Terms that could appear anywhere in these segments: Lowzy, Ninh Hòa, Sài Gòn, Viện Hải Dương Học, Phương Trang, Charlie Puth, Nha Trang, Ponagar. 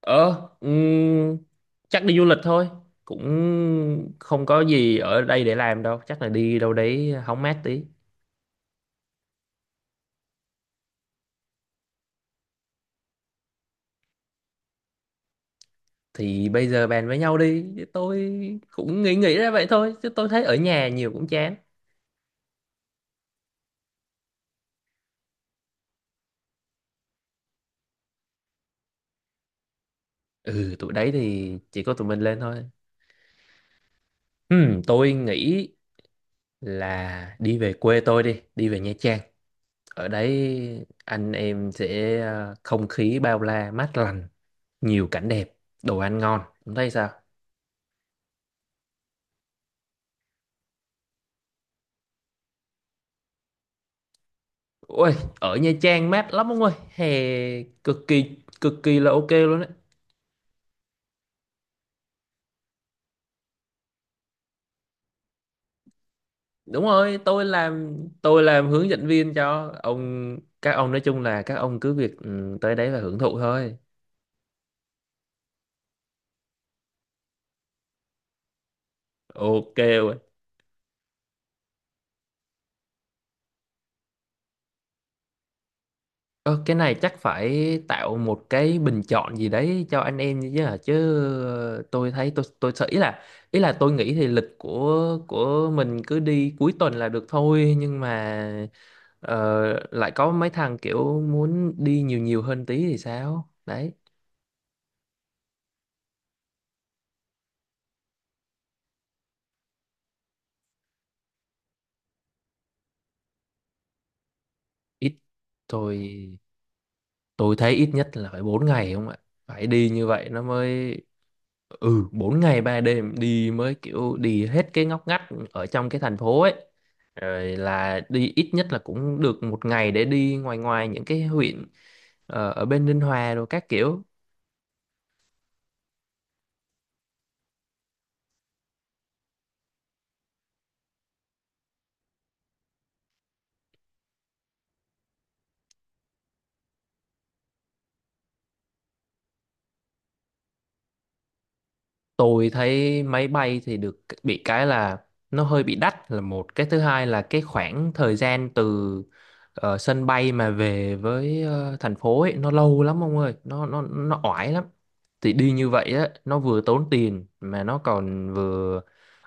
Ờ, ừm, chắc đi du lịch thôi. Cũng không có gì ở đây để làm đâu. Chắc là đi đâu đấy hóng mát tí. Thì bây giờ bàn với nhau đi. Chứ tôi cũng nghĩ nghĩ ra vậy thôi. Chứ tôi thấy ở nhà nhiều cũng chán. Ừ, tụi đấy thì chỉ có tụi mình lên thôi. Tôi nghĩ là đi về quê tôi đi. Đi về Nha Trang. Ở đấy anh em sẽ không khí bao la mát lành. Nhiều cảnh đẹp, đồ ăn ngon. Ông thấy sao? Ôi, ở Nha Trang mát lắm ông ơi, hè cực kỳ cực kỳ là ok luôn đấy. Đúng rồi, tôi làm hướng dẫn viên cho các ông, nói chung là các ông cứ việc tới đấy và hưởng thụ thôi. Ok rồi. Ờ, cái này chắc phải tạo một cái bình chọn gì đấy cho anh em chứ hả? Tôi thấy tôi sợ ý là tôi nghĩ thì lịch của mình cứ đi cuối tuần là được thôi, nhưng mà Ờ, lại có mấy thằng kiểu muốn đi nhiều nhiều hơn tí thì sao? Đấy, ít tôi tôi thấy ít nhất là phải 4 ngày không ạ? Phải đi như vậy nó mới 4 ngày 3 đêm, đi mới kiểu đi hết cái ngóc ngách ở trong cái thành phố ấy. Rồi là đi ít nhất là cũng được một ngày để đi ngoài ngoài những cái huyện ở bên Ninh Hòa rồi các kiểu. Tôi thấy máy bay thì được, bị cái là nó hơi bị đắt là một, cái thứ hai là cái khoảng thời gian từ sân bay mà về với thành phố ấy nó lâu lắm ông ơi, nó oải lắm. Thì đi như vậy á nó vừa tốn tiền mà nó còn vừa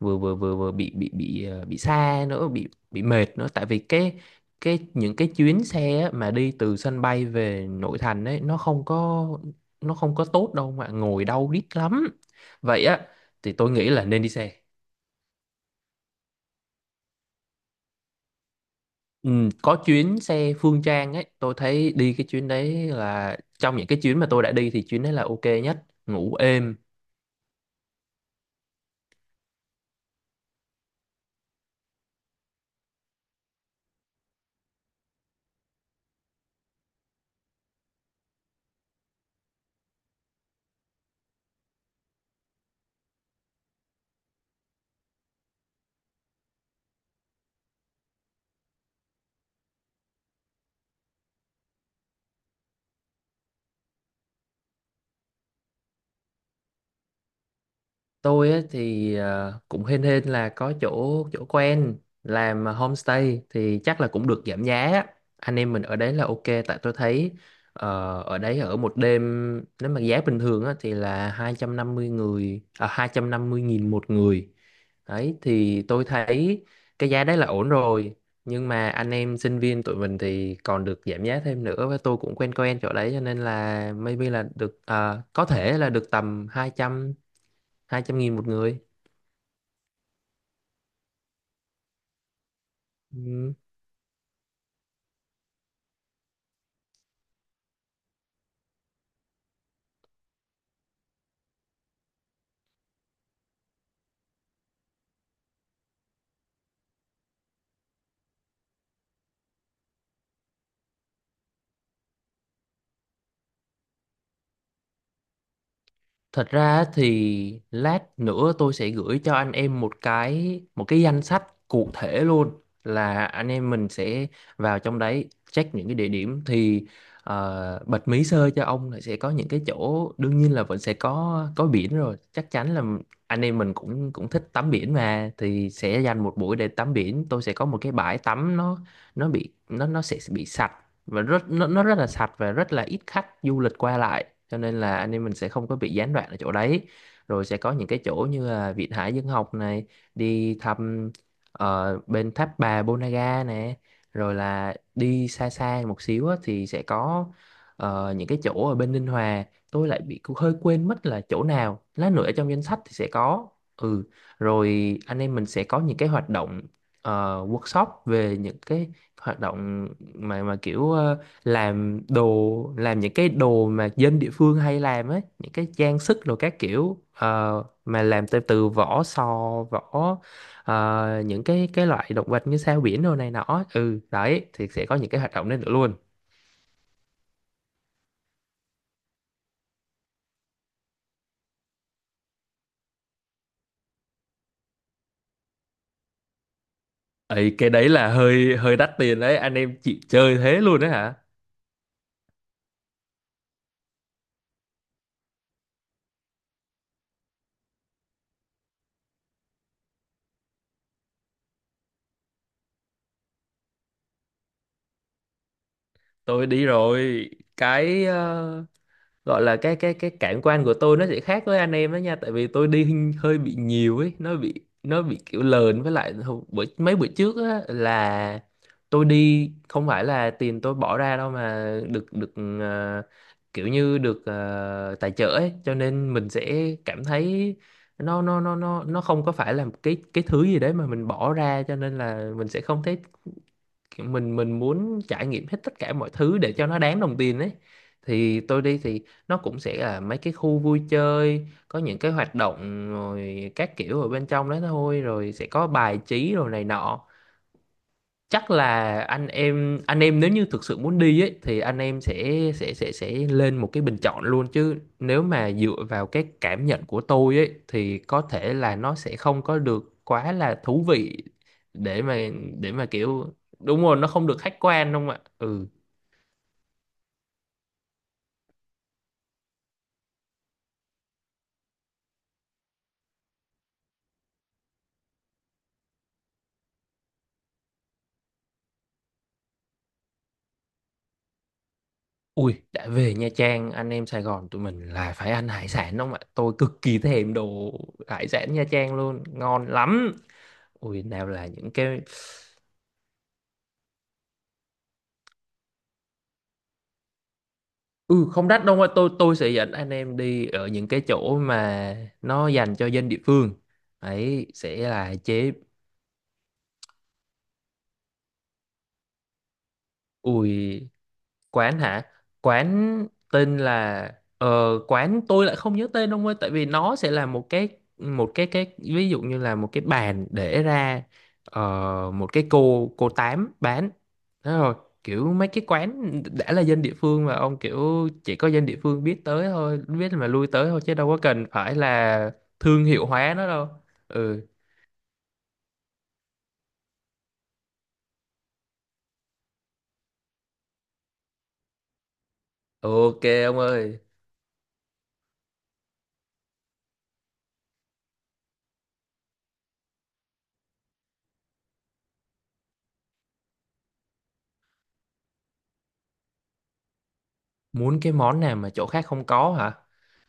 vừa vừa vừa, vừa bị ờ, bị xa nữa, bị mệt nữa, tại vì cái những cái chuyến xe á, mà đi từ sân bay về nội thành ấy nó không có tốt đâu, mà ngồi đau đít lắm. Vậy á thì tôi nghĩ là nên đi xe. Ừ, có chuyến xe Phương Trang ấy, tôi thấy đi cái chuyến đấy là trong những cái chuyến mà tôi đã đi thì chuyến đấy là ok nhất, ngủ êm. Tôi á, thì cũng hên hên là có chỗ chỗ quen làm homestay, thì chắc là cũng được giảm giá á. Anh em mình ở đấy là ok. Tại tôi thấy ở đấy ở một đêm, nếu mà giá bình thường á, thì là 250 người à, 250.000 một người. Đấy thì tôi thấy cái giá đấy là ổn rồi, nhưng mà anh em sinh viên tụi mình thì còn được giảm giá thêm nữa, và tôi cũng quen quen chỗ đấy cho nên là maybe là ờ, có thể là được tầm 200 200.000 một người. Ừm. Thật ra thì lát nữa tôi sẽ gửi cho anh em một cái danh sách cụ thể luôn, là anh em mình sẽ vào trong đấy check những cái địa điểm. Thì ờ, bật mí sơ cho ông là sẽ có những cái chỗ, đương nhiên là vẫn sẽ có biển rồi, chắc chắn là anh em mình cũng cũng thích tắm biển mà, thì sẽ dành một buổi để tắm biển. Tôi sẽ có một cái bãi tắm, nó bị nó sẽ bị sạch và rất nó rất là sạch và rất là ít khách du lịch qua lại, cho nên là anh em mình sẽ không có bị gián đoạn ở chỗ đấy. Rồi sẽ có những cái chỗ như là Viện Hải Dương Học này, đi thăm bên tháp bà Ponagar nè, rồi là đi xa xa một xíu á, thì sẽ có ờ, những cái chỗ ở bên Ninh Hòa. Tôi lại bị hơi quên mất là chỗ nào, lát nữa ở trong danh sách thì sẽ có. Ừ, rồi anh em mình sẽ có những cái hoạt động ờ, workshop về những cái hoạt động mà kiểu ờ, làm đồ, làm những cái đồ mà dân địa phương hay làm ấy, những cái trang sức rồi các kiểu, ờ, mà làm từ từ vỏ sò, vỏ ờ, những cái loại động vật như sao biển đồ này nọ. Ừ đấy, thì sẽ có những cái hoạt động đấy nữa luôn. Ấy, cái đấy là hơi hơi đắt tiền đấy, anh em chịu chơi thế luôn đấy hả? Tôi đi rồi. Cái gọi là cái cảm quan của tôi nó sẽ khác với anh em đó nha, tại vì tôi đi hình- hơi bị nhiều ấy. Nó bị nó bị kiểu lờn. Với lại hồi- bữa, mấy bữa trước á là tôi đi không phải là tiền tôi bỏ ra đâu, mà được được ờ, kiểu như được tài trợ ấy. Cho nên mình sẽ cảm thấy nó không có phải là một cái thứ gì đấy mà mình bỏ ra, cho nên là mình sẽ không thấy kiểu mình muốn trải nghiệm hết tất cả mọi thứ để cho nó đáng đồng tiền ấy. Thì tôi đi thì nó cũng sẽ là mấy cái khu vui chơi có những cái hoạt động rồi các kiểu ở bên trong đó thôi, rồi sẽ có bài trí rồi này nọ. Chắc là anh em nếu như thực sự muốn đi ấy thì anh em sẽ lên một cái bình chọn luôn, chứ nếu mà dựa vào cái cảm nhận của tôi ấy thì có thể là nó sẽ không có được quá là thú vị, để mà kiểu đúng rồi, nó không được khách quan đúng không ạ. Ừ. Ui, đã về Nha Trang anh em Sài Gòn tụi mình là phải ăn hải sản đúng không ạ? Tôi cực kỳ thèm đồ hải sản Nha Trang luôn, ngon lắm. Ui, nào là những cái… Ừ không đắt đâu ạ. Tôi tôi sẽ dẫn anh em đi ở những cái chỗ mà nó dành cho dân địa phương ấy, sẽ là chế… Ui. Quán hả? Quán tên là ờ, quán tôi lại không nhớ tên ông ơi, tại vì nó sẽ là một cái ví dụ như là một cái bàn để ra ờ, một cái cô tám bán. Thế rồi, kiểu mấy cái quán đã là dân địa phương mà ông, kiểu chỉ có dân địa phương biết tới thôi, biết mà lui tới thôi, chứ đâu có cần phải là thương hiệu hóa nó đâu. Ừ, ok ông ơi. Muốn cái món nào mà chỗ khác không có hả?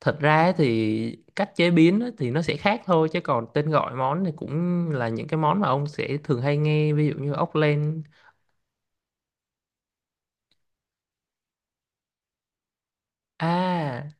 Thật ra ấy thì cách chế biến ấy thì nó sẽ khác thôi, chứ còn tên gọi món thì cũng là những cái món mà ông sẽ thường hay nghe, ví dụ như ốc len. À,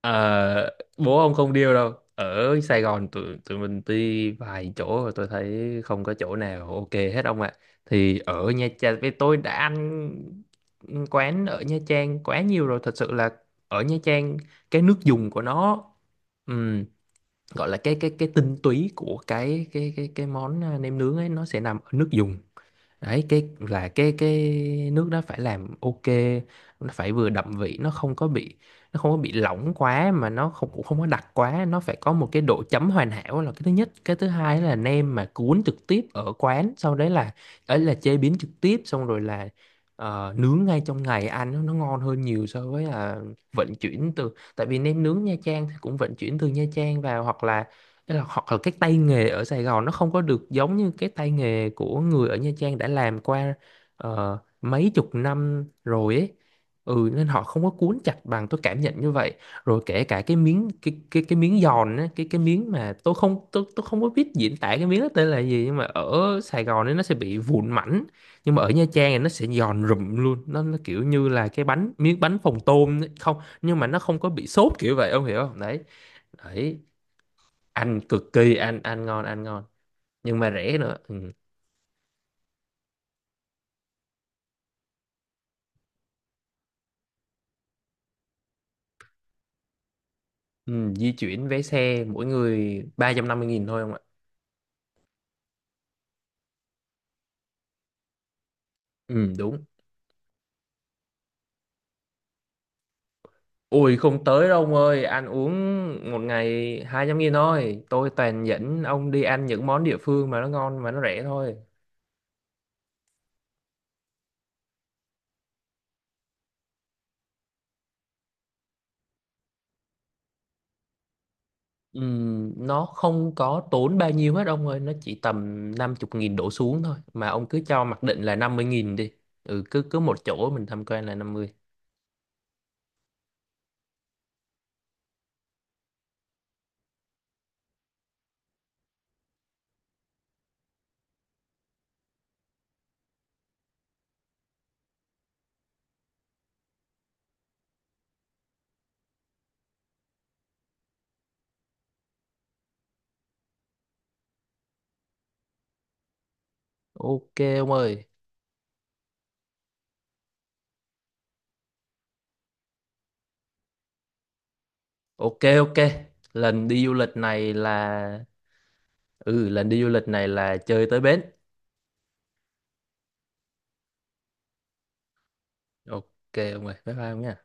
ờ, bố ông không điêu đâu. Ở Sài Gòn tụi tụi mình đi vài chỗ rồi, tôi thấy không có chỗ nào ok hết ông ạ. Thì ở Nha Trang, với tôi đã ăn quán ở Nha Trang quá nhiều rồi, thật sự là ở Nha Trang cái nước dùng của nó, ừ, gọi là cái tinh túy của cái món, à, nem nướng ấy, nó sẽ nằm ở nước dùng. Đấy, cái là cái nước đó phải làm ok. Nó phải vừa đậm vị, nó không có bị lỏng quá, mà nó không, cũng không có đặc quá, nó phải có một cái độ chấm hoàn hảo, là cái thứ nhất. Cái thứ hai là nem mà cuốn trực tiếp ở quán, sau đấy là ấy là chế biến trực tiếp, xong rồi là nướng ngay trong ngày, ăn nó ngon hơn nhiều so với là vận chuyển từ… Tại vì nem nướng Nha Trang thì cũng vận chuyển từ Nha Trang vào, hoặc là… Tức là hoặc là cái tay nghề ở Sài Gòn nó không có được giống như cái tay nghề của người ở Nha Trang đã làm qua mấy chục năm rồi ấy. Ừ nên họ không có cuốn chặt bằng, tôi cảm nhận như vậy. Rồi kể cả cái miếng, cái miếng giòn á, cái miếng mà tôi không có biết diễn tả cái miếng đó tên là gì, nhưng mà ở Sài Gòn ấy nó sẽ bị vụn mảnh, nhưng mà ở Nha Trang thì nó sẽ giòn rụm luôn. Nó kiểu như là cái bánh, miếng bánh phồng tôm ấy. Không, nhưng mà nó không có bị xốp kiểu vậy, ông hiểu không? Đấy. Đấy, ăn cực kỳ, ăn ăn ngon, ăn ngon, nhưng mà rẻ nữa. Ừ. Ừ, di chuyển vé xe mỗi người 350.000 thôi không ạ. Ừ đúng. Ui không tới đâu ông ơi, ăn uống một ngày 200.000 thôi, tôi toàn dẫn ông đi ăn những món địa phương mà nó ngon mà nó rẻ thôi. Ừ, nó không có tốn bao nhiêu hết ông ơi, nó chỉ tầm 50 nghìn đổ xuống thôi, mà ông cứ cho mặc định là 50.000 đi. Ừ cứ cứ một chỗ mình tham quan là năm mươi. Ok ông ơi. Ok ok, lần đi du lịch này là… Ừ lần đi du lịch này là chơi tới bến. Ok ông ơi, bye bye ông nha.